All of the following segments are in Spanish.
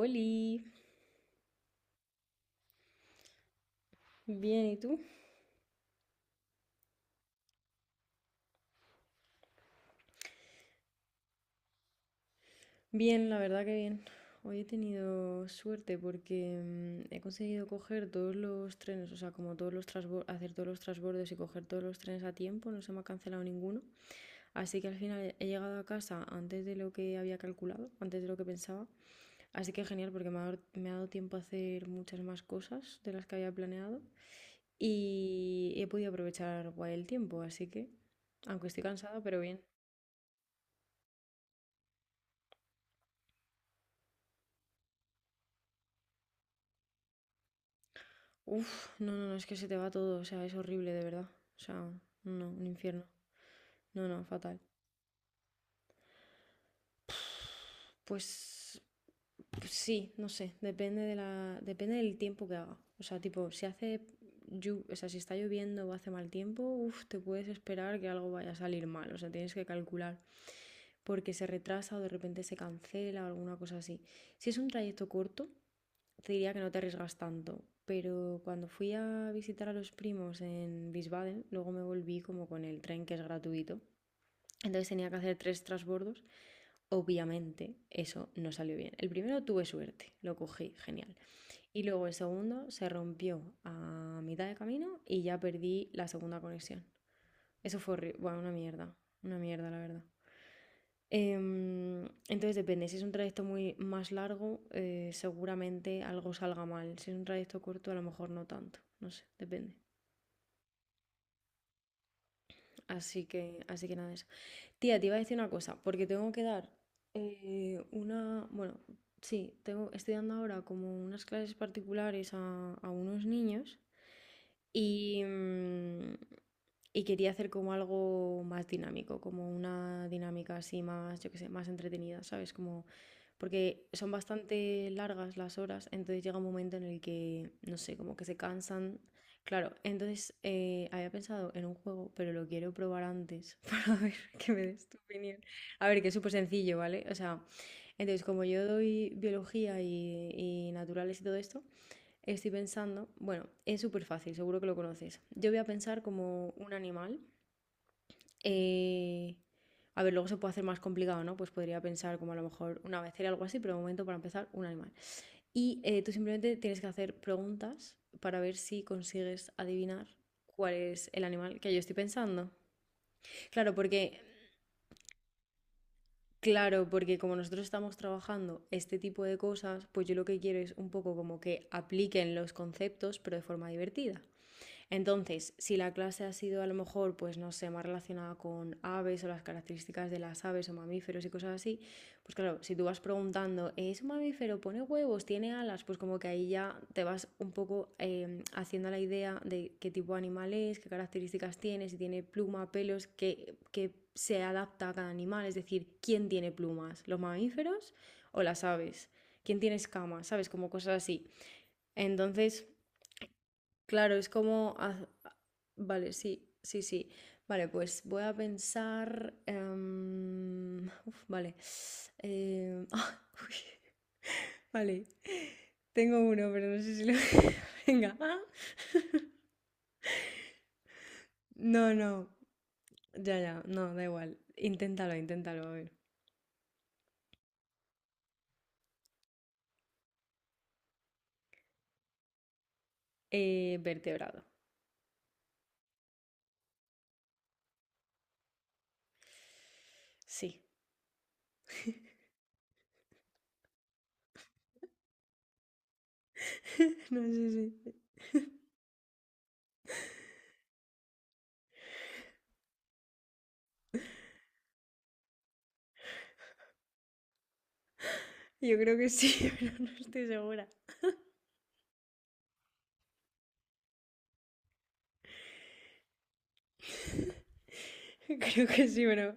Oli, bien, ¿y tú? Bien, la verdad que bien. Hoy he tenido suerte porque he conseguido coger todos los trenes, o sea, como todos los hacer todos los transbordos y coger todos los trenes a tiempo, no se me ha cancelado ninguno. Así que al final he llegado a casa antes de lo que había calculado, antes de lo que pensaba. Así que genial porque me ha dado tiempo a hacer muchas más cosas de las que había planeado y he podido aprovechar guay el tiempo, así que, aunque estoy cansada, pero bien. Uf, no, no, no, es que se te va todo, o sea, es horrible, de verdad. O sea, no, un infierno. No, no, fatal. Pues, pues sí, no sé, depende depende del tiempo que haga. O sea, tipo, si hace, llu- o sea, si está lloviendo o hace mal tiempo, uf, te puedes esperar que algo vaya a salir mal, o sea, tienes que calcular, porque se retrasa o de repente se cancela o alguna cosa así. Si es un trayecto corto, te diría que no te arriesgas tanto, pero cuando fui a visitar a los primos en Wiesbaden, luego me volví como con el tren que es gratuito. Entonces tenía que hacer tres transbordos. Obviamente eso no salió bien. El primero tuve suerte, lo cogí, genial. Y luego el segundo se rompió a mitad de camino y ya perdí la segunda conexión. Eso fue bueno, una mierda la verdad. Entonces depende, si es un trayecto muy más largo, seguramente algo salga mal. Si es un trayecto corto, a lo mejor no tanto. No sé, depende. Así que nada de eso. Tía, te iba a decir una cosa, porque tengo que dar una, bueno, sí, tengo, estoy dando ahora como unas clases particulares a unos niños. Y, mm, y quería hacer como algo más dinámico, como una dinámica así más, yo qué sé, más entretenida, ¿sabes? Como, porque son bastante largas las horas, entonces llega un momento en el que, no sé, como que se cansan. Claro, entonces había pensado en un juego, pero lo quiero probar antes para ver que me des tu opinión. A ver, que es súper sencillo, ¿vale? O sea, entonces como yo doy biología y naturales y todo esto. Estoy pensando, bueno, es súper fácil, seguro que lo conoces. Yo voy a pensar como un animal. eh, a ver, luego se puede hacer más complicado, ¿no? Pues podría pensar como a lo mejor una becera o algo así, pero de momento para empezar, un animal. Y tú simplemente tienes que hacer preguntas para ver si consigues adivinar cuál es el animal que yo estoy pensando. Claro, porque, claro, porque como nosotros estamos trabajando este tipo de cosas, pues yo lo que quiero es un poco como que apliquen los conceptos, pero de forma divertida. Entonces, si la clase ha sido a lo mejor, pues no sé, más relacionada con aves o las características de las aves o mamíferos y cosas así, pues claro, si tú vas preguntando, ¿es un mamífero? ¿Pone huevos? ¿Tiene alas? Pues como que ahí ya te vas un poco haciendo la idea de qué tipo de animal es, qué características tiene, si tiene pluma, pelos, qué se adapta a cada animal, es decir, ¿quién tiene plumas? ¿Los mamíferos o las aves? ¿Quién tiene escamas? ¿Sabes? Como cosas así. Entonces, claro, es como vale, sí, sí, sí. Vale, pues voy a pensar, uf, vale. Ah, uy, vale. Tengo uno, pero no sé si lo venga. No, no. Ya, ya. No, da igual. Inténtalo, inténtalo. A ver. Vertebrado. Sí. No sé si yo creo que sí, pero no estoy segura. Creo que sí, pero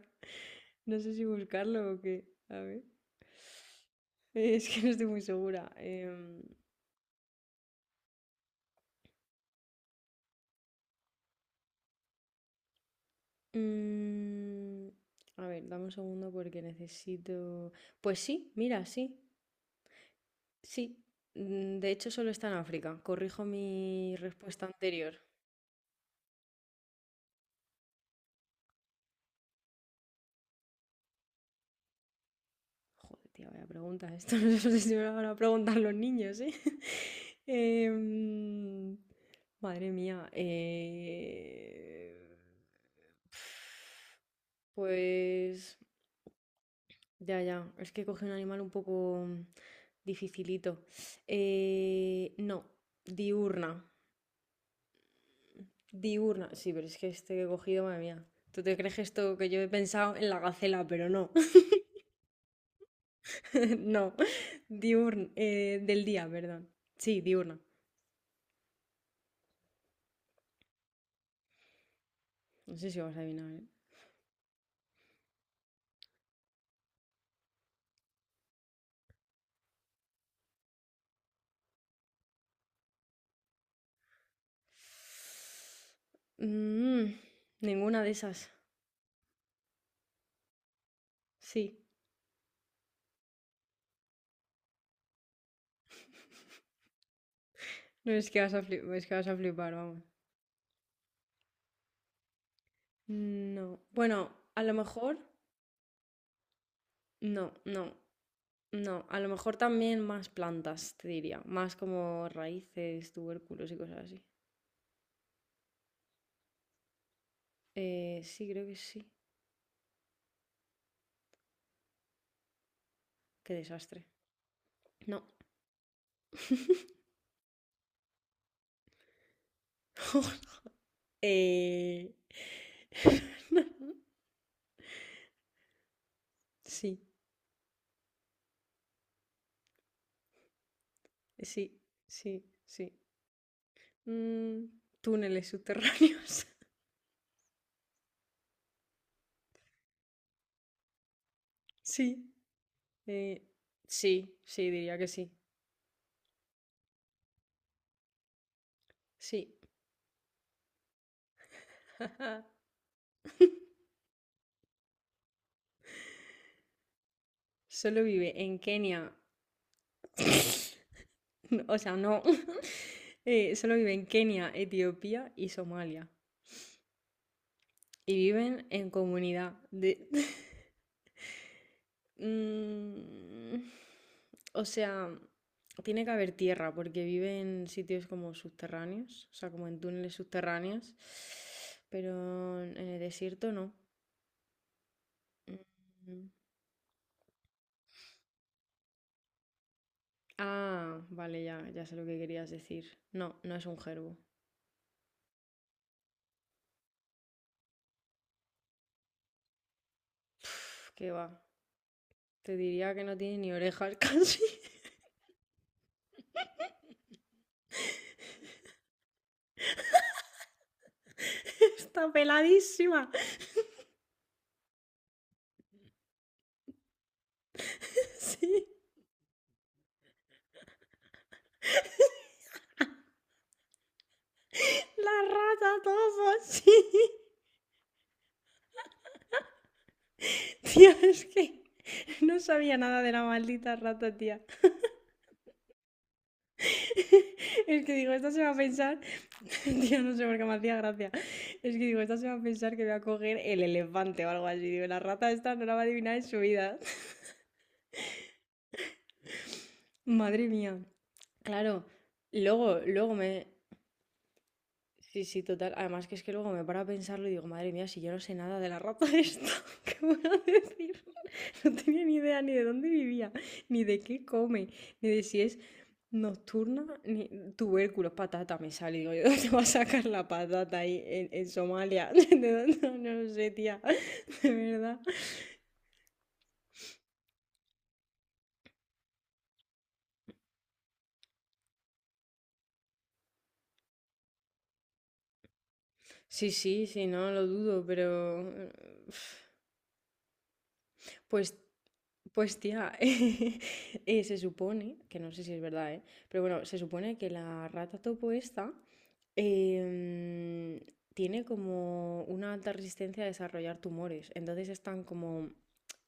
no sé si buscarlo o qué. A ver. Es que no estoy muy segura. Mm, a ver, dame un segundo porque necesito. Pues sí, mira, sí, sí. De hecho, solo está en África. Corrijo mi respuesta anterior. Joder, tía, vaya pregunta. Esto no sé si me lo van a preguntar los niños, ¿eh? Em, madre mía. Pues. Ya, ya, es que coge un animal un poco dificilito. No, diurna, diurna. Sí, pero es que este que he cogido, madre mía. ¿Tú te crees que esto que yo he pensado en la gacela? Pero no, no. Diurna, del día, perdón. Sí, diurna. No sé si vas a adivinar, ¿eh? Mm, ninguna de esas. Sí. No es que vas a flipar, es que vas a flipar, vamos. No. Bueno, a lo mejor. No, no. No, a lo mejor también más plantas, te diría. Más como raíces, tubérculos y cosas así. Sí, creo que sí. Qué desastre. No. Eh, sí, sí, sí, sí. Mm, túneles subterráneos. Sí. eh, sí, sí, diría que sí. Sí. Solo vive en Kenia. No, o sea, no. Solo vive en Kenia, Etiopía y Somalia. Y viven en comunidad. De Mm, o sea, tiene que haber tierra porque viven en sitios como subterráneos, o sea, como en túneles subterráneos, pero en el desierto no. Mm. Ah, vale, ya, ya sé lo que querías decir. No, no es un gerbo. Uf, qué va. Te diría que no tiene ni orejas casi. Está peladísima. Sí. La rata todo, sí. Tía, es que no sabía nada de la maldita rata, tía. Es que digo, esta se va a pensar. Tía, no sé por qué me hacía gracia. Es que digo, esta se va a pensar que voy a coger el elefante o algo así. Digo, la rata esta no la va a adivinar en su vida. Madre mía. Claro. Luego, luego me, sí, sí, total. Además que es que luego me paro a pensarlo y digo, madre mía, si yo no sé nada de la rata esta, ¿qué voy a decir? No tenía ni idea ni de dónde vivía, ni de qué come, ni de si es nocturna, ni tubérculos, patata me sale. Digo, ¿de dónde va a sacar la patata ahí en Somalia? ¿De dónde? No, no lo sé, tía, de verdad. Sí, sí, sí, no lo dudo, pero Pues Pues tía, se supone, que no sé si es verdad, ¿eh? Pero bueno, se supone que la rata topo esta em, tiene como una alta resistencia a desarrollar tumores. Entonces están como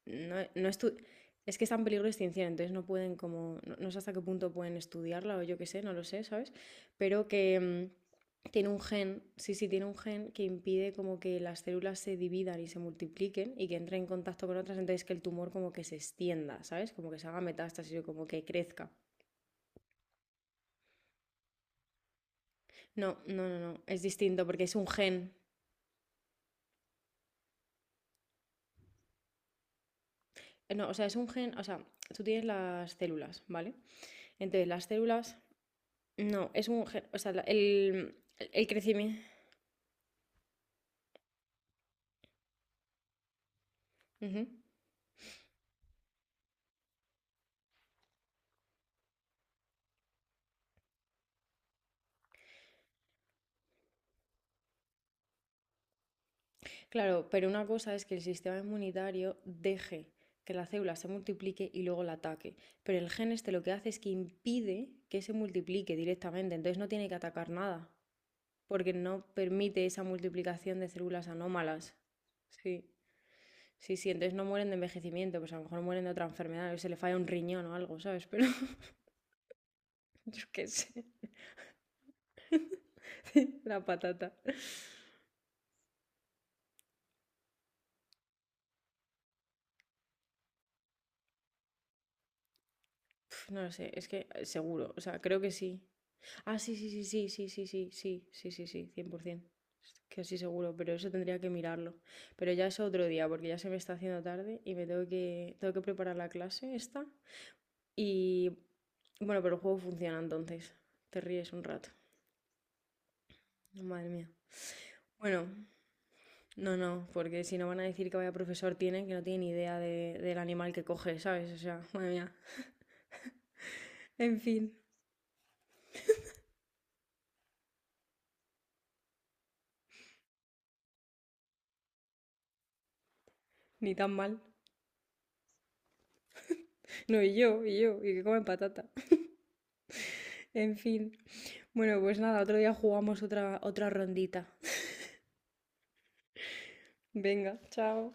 no, no estu- es que está en peligro de extinción, entonces no pueden como, no, no sé hasta qué punto pueden estudiarla o yo qué sé, no lo sé, ¿sabes? Pero que tiene un gen, sí, sí, tiene un gen que impide como que las células se dividan y se multipliquen y que entren en contacto con otras, entonces que el tumor como que se extienda, ¿sabes? Como que se haga metástasis o como que crezca. No, no, no, no, es distinto porque es un gen. No, o sea, es un gen, o sea, tú tienes las células, ¿vale? Entonces las células, no, es un gen, o sea, el crecimiento. Ujú. Claro, pero una cosa es que el sistema inmunitario deje que la célula se multiplique y luego la ataque. Pero el gen este lo que hace es que impide que se multiplique directamente, entonces no tiene que atacar nada, porque no permite esa multiplicación de células anómalas. Sí, sí, sí, entonces no mueren de envejecimiento, pues a lo mejor mueren de otra enfermedad, o se le falla un riñón o algo, ¿sabes? Pero yo qué sé, la patata. Pf, no lo sé, es que seguro, o sea, creo que sí. Ah, sí, sí, sí, sí, sí, sí, sí, sí, sí, sí, sí, cien por es que sí, seguro, pero eso tendría que mirarlo. Pero ya es otro día, porque ya se me está haciendo tarde y tengo que preparar la clase esta. Y bueno, pero el juego funciona entonces. Te ríes un rato. Madre mía. Bueno, no, no, porque si no van a decir que vaya profesor tienen, que no tienen ni idea del animal que coge, ¿sabes? O sea, madre mía. En fin, ni tan mal. No, y yo, y que comen patata. En fin. Bueno, pues nada, otro día jugamos otra rondita. Venga, chao.